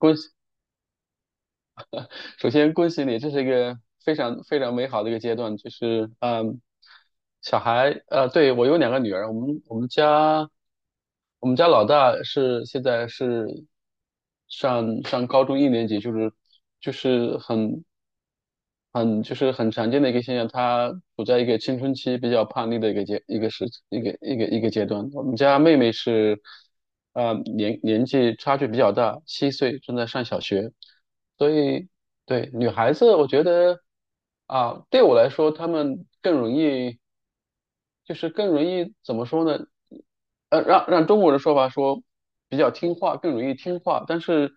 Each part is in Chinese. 公首先恭喜你，这是一个非常非常美好的一个阶段，就是小孩对，我有两个女儿，我们家老大现在是上高中一年级，就是就是很很就是很常见的一个现象。她处在一个青春期比较叛逆的一个阶一个时一个一个一个阶段。我们家妹妹是，年纪差距比较大，七岁，正在上小学，所以对，女孩子，我觉得啊，对我来说，她们更容易，就是更容易怎么说呢？让中国人说法说比较听话，更容易听话，但是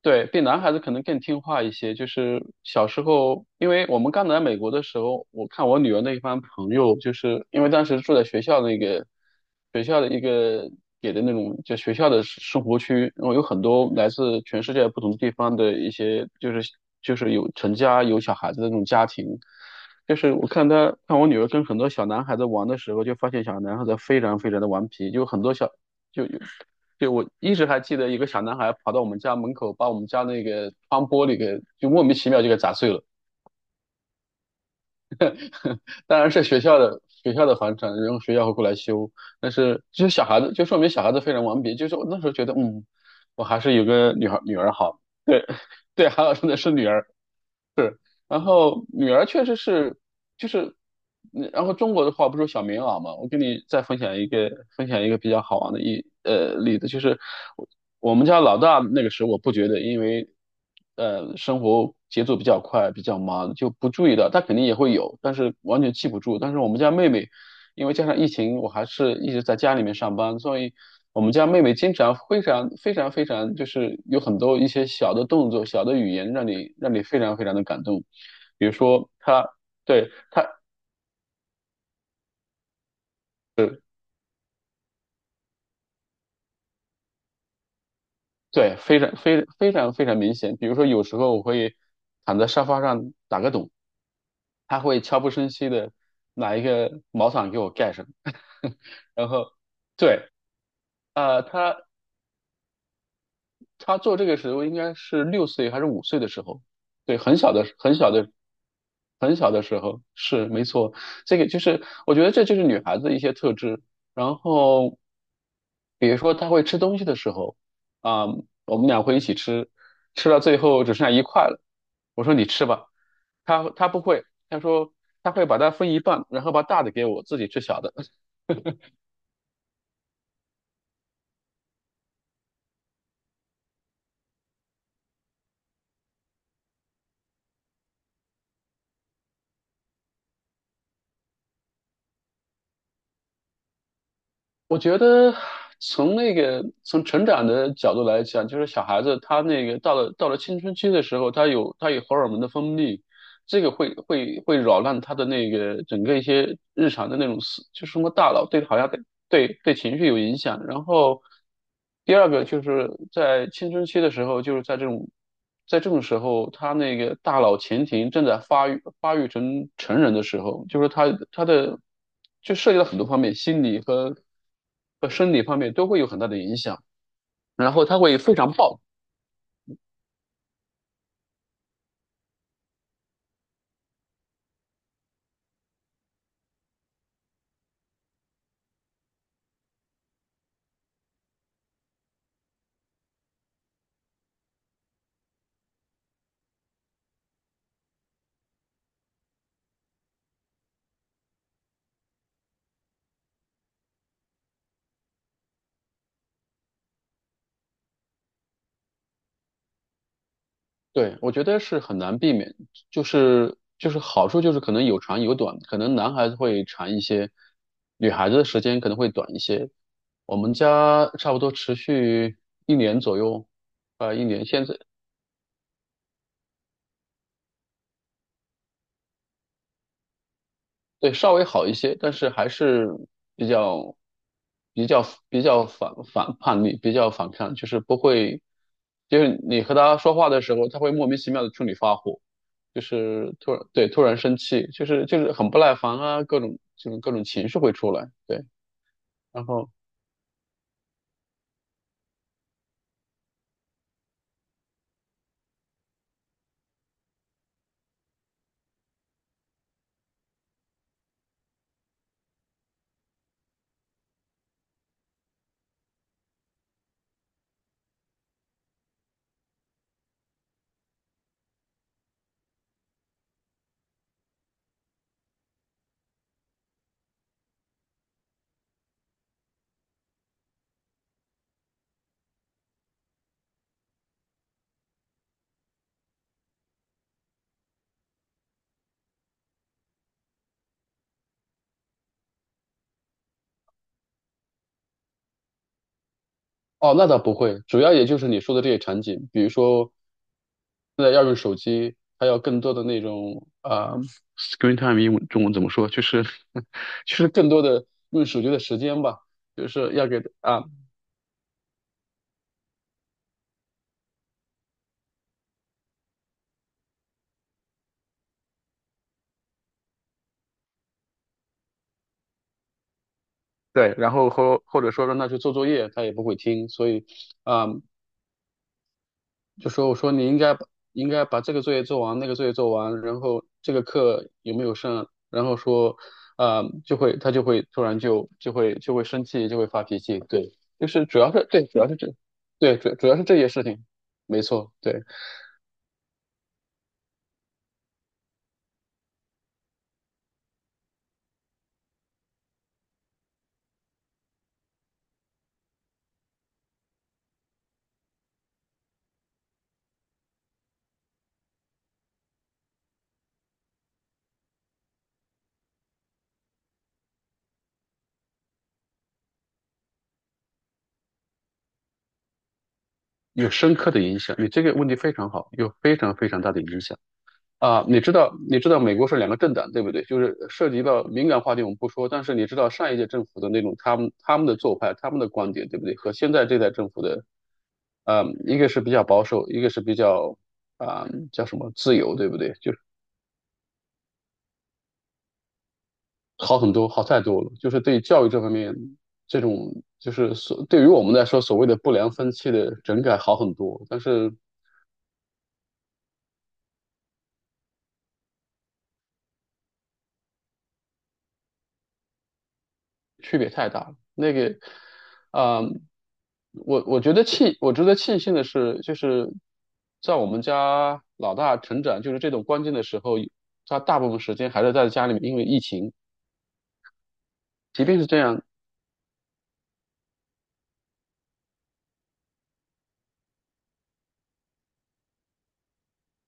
对比男孩子可能更听话一些。就是小时候，因为我们刚来美国的时候，我看我女儿那一帮朋友，就是因为当时住在学校那个学校的一个给的那种就学校的生活区，然后有很多来自全世界不同地方的一些，就是有成家有小孩子的那种家庭。就是我看我女儿跟很多小男孩子玩的时候，就发现小男孩子非常非常的顽皮，就很多小就有就我一直还记得一个小男孩跑到我们家门口，把我们家那个窗玻璃给就莫名其妙就给砸碎了。当然是学校的房产，然后学校会过来修。但是就是小孩子，就说明小孩子非常顽皮。就是我那时候觉得我还是有个女儿好。对，还好真的是女儿，是。然后女儿确实是，就是，然后中国的话不是有小棉袄嘛？我给你再分享一个，比较好玩的例子。就是我我们家老大那个时候我不觉得，因为生活节奏比较快，比较忙，就不注意到，他肯定也会有，但是完全记不住。但是我们家妹妹，因为加上疫情，我还是一直在家里面上班，所以我们家妹妹经常非常非常非常，就是有很多一些小的动作、小的语言，让你非常非常的感动。比如说她，对她，呃，对，非常明显。比如说有时候我会躺在沙发上打个盹，她会悄不声息的拿一个毛毯给我盖上。然后对。啊，他做这个时候应该是六岁还是五岁的时候，对，很小的很小的很小的时候，是，没错。这个就是我觉得这就是女孩子的一些特质。然后比如说她会吃东西的时候，啊、我们俩会一起吃，吃到最后只剩下一块了，我说你吃吧，她不会，她说她会把它分一半，然后把大的给我，自己吃小的。我觉得从那个从成长的角度来讲，就是小孩子他那个到了青春期的时候，他有荷尔蒙的分泌，这个会扰乱他的那个整个一些日常的那种就是什么大脑，对，好像对，对对情绪有影响。然后第二个就是在青春期的时候，就是在这种时候，他那个大脑前庭正在发育成人的时候，就是他的就涉及到很多方面，心理和生理方面都会有很大的影响。然后他会非常对，我觉得是很难避免，就是好处就是可能有长有短，可能男孩子会长一些，女孩子的时间可能会短一些。我们家差不多持续一年左右，一年。现在对，稍微好一些，但是还是比较、比较、比较叛逆，比较反抗，就是不会。就是你和他说话的时候，他会莫名其妙的冲你发火，就是突然，对，突然生气，就是很不耐烦啊，各种就是各种情绪会出来。对，然后哦，那倒不会。主要也就是你说的这些场景，比如说现在要用手机，还有更多的那种啊、screen time 英文中文怎么说？就是 就是更多的用手机的时间吧，就是要给啊。对，然后或者说让他去做作业，他也不会听，所以啊、就说我说你应该把这个作业做完，那个作业做完，然后这个课有没有上？然后说，啊、就会他就会突然就就会就会生气，就会发脾气。对，就是主要是，对，主要是这。对，主要是这些事情，没错。对，有深刻的影响。你这个问题非常好，有非常非常大的影响。啊、你知道美国是两个政党对不对？就是涉及到敏感话题我们不说，但是你知道上一届政府的那种他们的做派、他们的观点对不对？和现在这代政府的。一个是比较保守，一个是比较啊、叫什么自由，对不对？就是好很多，好太多了。就是对教育这方面，这种就是对于我们来说所谓的不良风气的整改好很多。但是区别太大了。啊、我觉得我值得庆幸的是，就是在我们家老大成长，就是这种关键的时候，他大部分时间还是在家里面，因为疫情，即便是这样，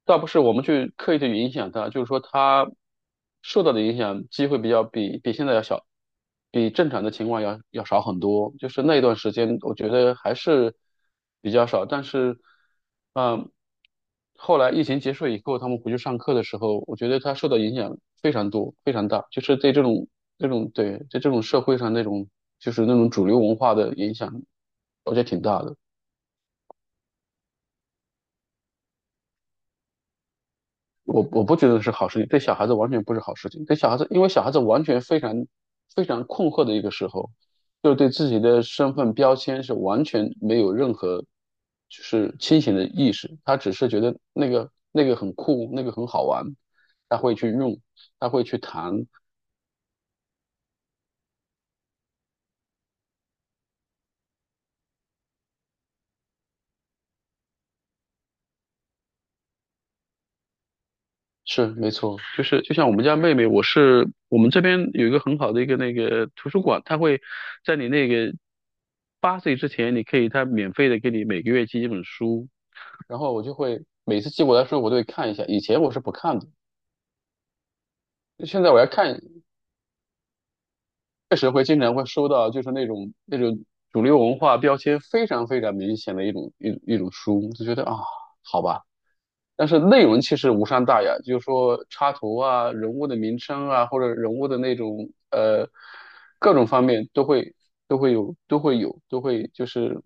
倒不是我们去刻意的去影响他，就是说他受到的影响机会比较比比现在要小，比正常的情况要少很多。就是那一段时间，我觉得还是比较少。但是，嗯，后来疫情结束以后，他们回去上课的时候，我觉得他受到影响非常多，非常大。就是对这种在这种社会上那种主流文化的影响，我觉得挺大的。我不觉得是好事情，对小孩子完全不是好事情。对小孩子，因为小孩子完全非常非常困惑的一个时候，就是对自己的身份标签是完全没有任何就是清醒的意识，他只是觉得那个很酷，那个很好玩，他会去用，他会去谈。是，没错。就是就像我们家妹妹，我们这边有一个很好的一个那个图书馆，它会在你那个八岁之前，你可以它免费的给你每个月寄一本书。然后我就会每次寄过来的时候，我都会看一下。以前我是不看的，现在我要看，确实会经常会收到，就是那种主流文化标签非常非常明显的一种书，就觉得啊，好吧。但是内容其实无伤大雅。就是说插图啊、人物的名称啊，或者人物的那种各种方面都会就是，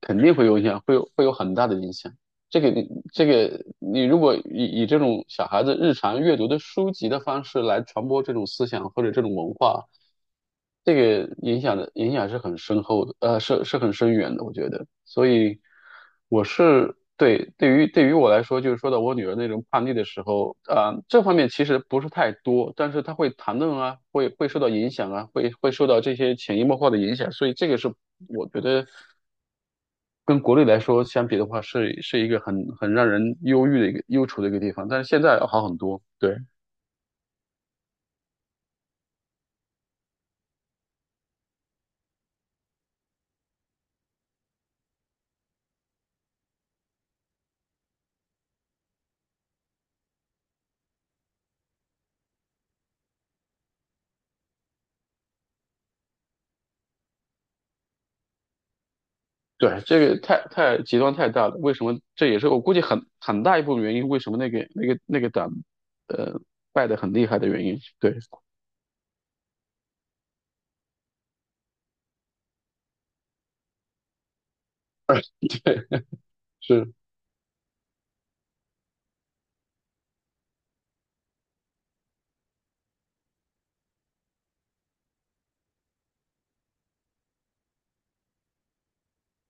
肯定会有影响，会有很大的影响。这个你这个你如果以这种小孩子日常阅读的书籍的方式来传播这种思想或者这种文化，这个影响是很深厚的，是很深远的，我觉得。所以我是对对于对于我来说，就是说到我女儿那种叛逆的时候，啊、这方面其实不是太多，但是她会谈论啊，会受到影响啊，会受到这些潜移默化的影响，所以这个是我觉得。跟国内来说相比的话，是一个很让人忧郁的一个忧愁的一个地方，但是现在要好很多。对对，这个太极端太大了。为什么？这也是我估计很大一部分原因。为什么那个党，呃，败得很厉害的原因。对。 对，是。